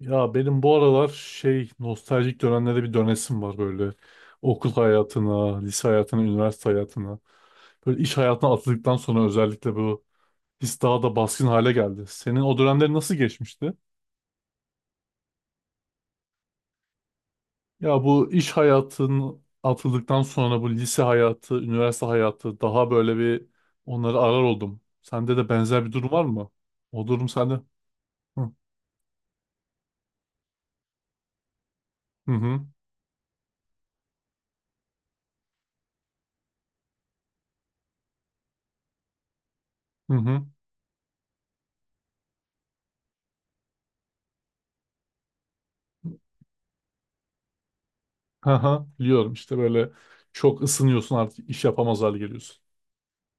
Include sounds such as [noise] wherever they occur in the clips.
Ya benim bu aralar şey nostaljik dönemlere bir dönesim var böyle. Okul hayatına, lise hayatına, üniversite hayatına. Böyle iş hayatına atıldıktan sonra özellikle bu his daha da baskın hale geldi. Senin o dönemleri nasıl geçmişti? Ya bu iş hayatın atıldıktan sonra bu lise hayatı, üniversite hayatı daha böyle bir onları arar oldum. Sende de benzer bir durum var mı? O durum sende. Hı hı hı. Hı. Haha, biliyorum işte böyle çok ısınıyorsun artık iş yapamaz hale geliyorsun.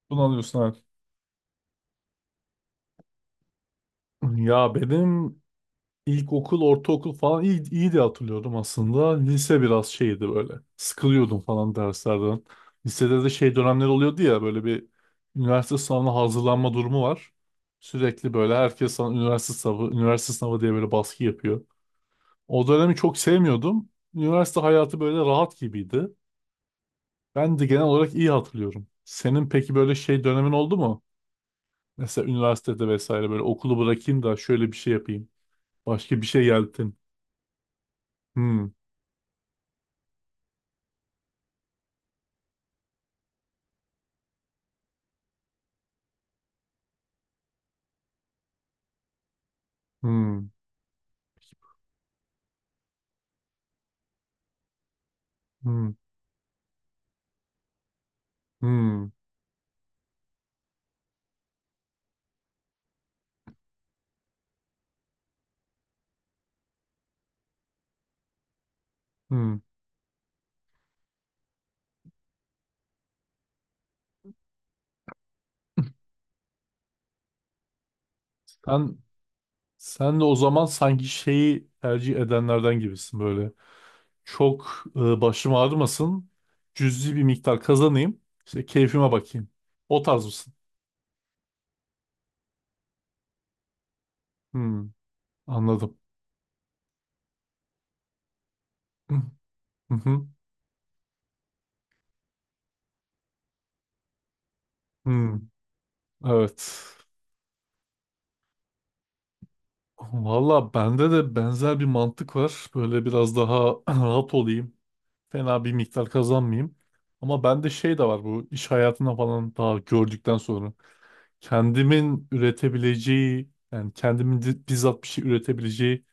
Bunu alıyorsun abi. Ya benim ilkokul, ortaokul falan iyi, iyi diye hatırlıyordum aslında. Lise biraz şeydi böyle. Sıkılıyordum falan derslerden. Lisede de şey dönemler oluyordu ya böyle bir üniversite sınavına hazırlanma durumu var. Sürekli böyle herkes sana üniversite sınavı, üniversite sınavı diye böyle baskı yapıyor. O dönemi çok sevmiyordum. Üniversite hayatı böyle rahat gibiydi. Ben de genel olarak iyi hatırlıyorum. Senin peki böyle şey dönemin oldu mu? Mesela üniversitede vesaire böyle okulu bırakayım da şöyle bir şey yapayım. Başka bir şey yeltin. Hmm, hmm, hmm, hmm, hmm. Sen, sen de o zaman sanki şeyi tercih edenlerden gibisin böyle. Çok başım ağrımasın. Cüzi bir miktar kazanayım. İşte keyfime bakayım. O tarz mısın? Hmm, anladım. [laughs] Hmm, hı hı, hmm, evet. Valla bende de benzer bir mantık var. Böyle biraz daha [clears throat] rahat olayım. Fena bir miktar kazanmayayım. Ama bende şey de var bu iş hayatına falan daha gördükten sonra. Kendimin üretebileceği yani kendimin bizzat bir şey üretebileceği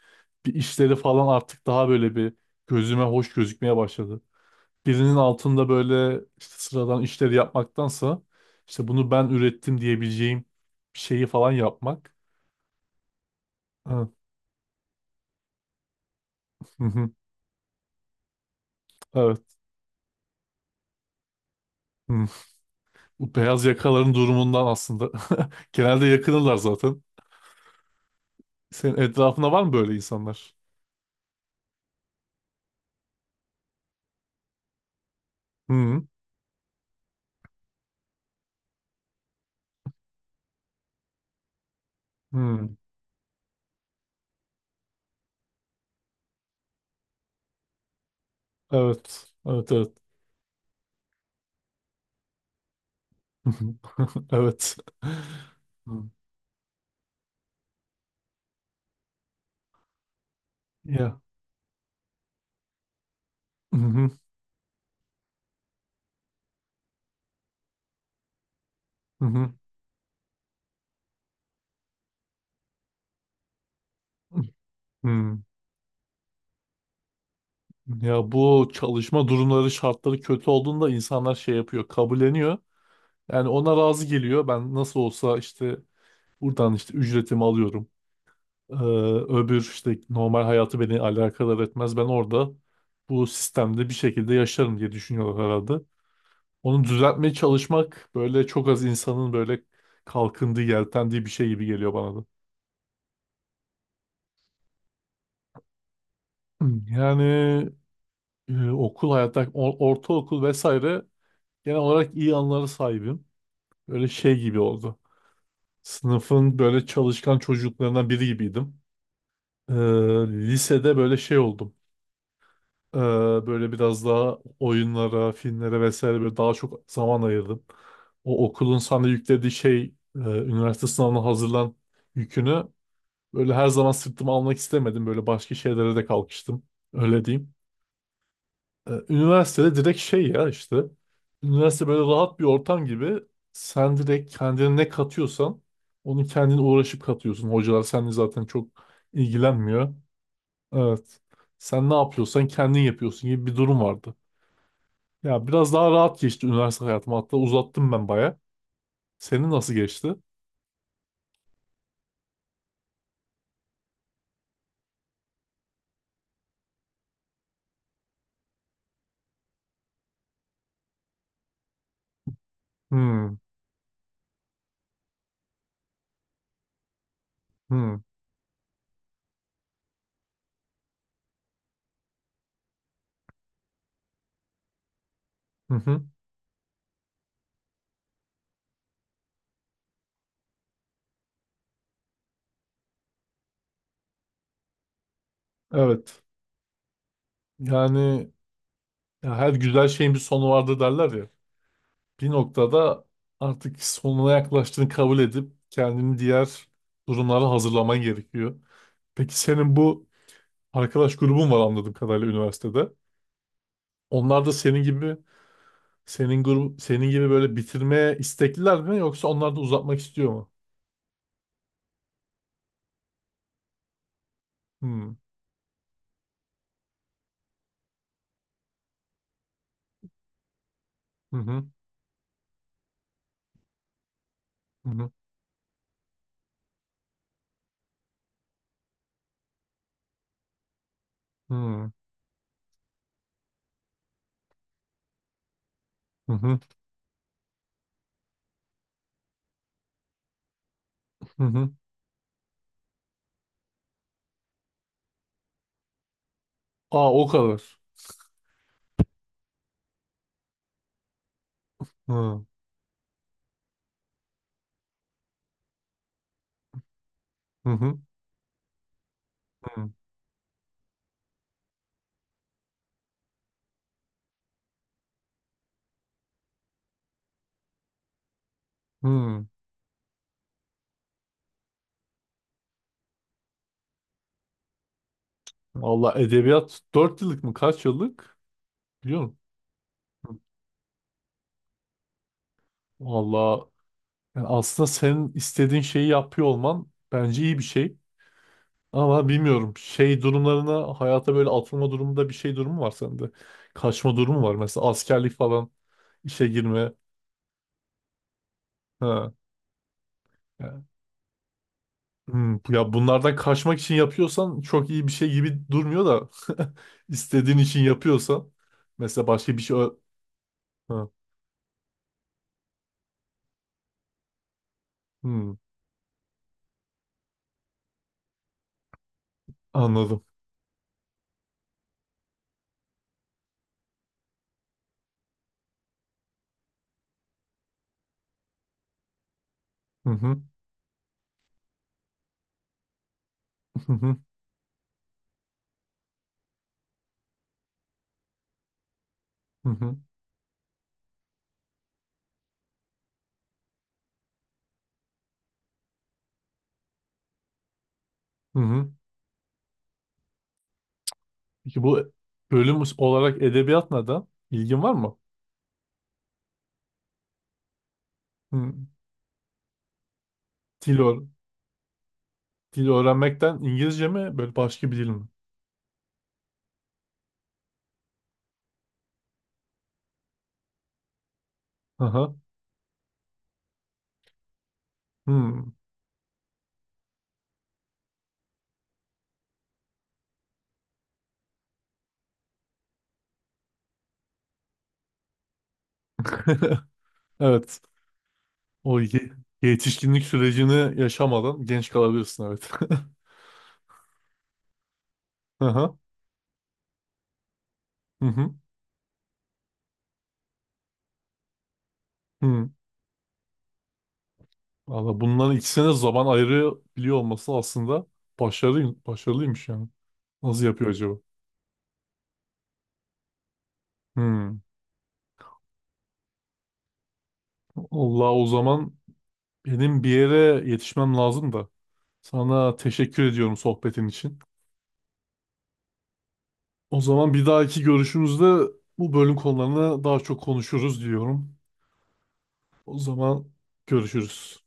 bir işleri falan artık daha böyle bir gözüme hoş gözükmeye başladı. Birinin altında böyle işte sıradan işleri yapmaktansa işte bunu ben ürettim diyebileceğim bir şeyi falan yapmak. Evet. [laughs] Evet. [laughs] Bu beyaz yakaların durumundan aslında. [laughs] Genelde yakınırlar zaten. Senin etrafında var mı böyle insanlar? Hı hı. Evet. Evet, evet. [laughs] Evet. Hı. Ya. Hı hı. Hı hı. Hı. Ya bu çalışma durumları, şartları kötü olduğunda insanlar şey yapıyor, kabulleniyor. Yani ona razı geliyor. Ben nasıl olsa işte buradan işte ücretimi alıyorum. Öbür işte normal hayatı beni alakadar etmez. Ben orada bu sistemde bir şekilde yaşarım diye düşünüyorlar herhalde. Onu düzeltmeye çalışmak böyle çok az insanın böyle kalkındığı, yeltendiği bir şey gibi geliyor bana da. [clears throat] Yani okul hayatta, ortaokul vesaire genel olarak iyi anılara sahibim. Böyle şey gibi oldu. Sınıfın böyle çalışkan çocuklarından biri gibiydim. Ee, Lisede böyle şey oldum. Ee, Böyle biraz daha oyunlara, filmlere vesaire böyle daha çok zaman ayırdım. O okulun sana yüklediği şey, üniversite sınavına hazırlan yükünü böyle her zaman sırtıma almak istemedim. Böyle başka şeylere de kalkıştım. Öyle diyeyim. Üniversitede direkt şey ya işte. Üniversite böyle rahat bir ortam gibi. Sen direkt kendine ne katıyorsan onu kendin uğraşıp katıyorsun. Hocalar seninle zaten çok ilgilenmiyor. Evet. Sen ne yapıyorsan kendin yapıyorsun gibi bir durum vardı. Ya biraz daha rahat geçti üniversite hayatım. Hatta uzattım ben baya. Senin nasıl geçti? Hmm, hmm, hı hı. Evet. Yani ya her güzel şeyin bir sonu vardır derler ya. Bir noktada artık sonuna yaklaştığını kabul edip kendini diğer durumlara hazırlaman gerekiyor. Peki senin bu arkadaş grubum var anladığım kadarıyla üniversitede. Onlar da senin gibi senin grubu senin gibi böyle bitirmeye istekliler mi yoksa onlar da uzatmak istiyor mu? Hmm. Hı hı. Hı hı. Hı hı. Hı hı. Hı. Aa, o kadar. Hı hı. Hı hı. Hı. Allah edebiyat 4 yıllık mı kaç yıllık? Biliyor musun? Valla yani aslında senin istediğin şeyi yapıyor olman bence iyi bir şey. Ama bilmiyorum şey durumlarına hayata böyle atılma durumunda bir şey durumu var sende. Kaçma durumu var mesela askerlik falan işe girme. Ha. Ya, hmm, ya bunlardan kaçmak için yapıyorsan çok iyi bir şey gibi durmuyor da [laughs] istediğin için yapıyorsan mesela başka bir şey ha. Hmm, anladım. Hı hı, hı hı, hı hı, hı hı. Peki bu bölüm olarak edebiyat neden? İlgin var mı? Hmm, Dil, öğ- dil öğrenmekten İngilizce mi böyle başka bir dil mi? Aha. Hmm. [laughs] Evet. O ye- Yetişkinlik sürecini yaşamadan genç kalabilirsin, evet. [laughs] Hı hı. Hı hı. Hı. Valla bunların ikisine zaman ayırabiliyor olması aslında başarılıymış yani. Nasıl yapıyor acaba? Hmm. Allah o zaman benim bir yere yetişmem lazım da. Sana teşekkür ediyorum sohbetin için. O zaman bir dahaki görüşümüzde bu bölüm konularını daha çok konuşuruz diyorum. O zaman görüşürüz.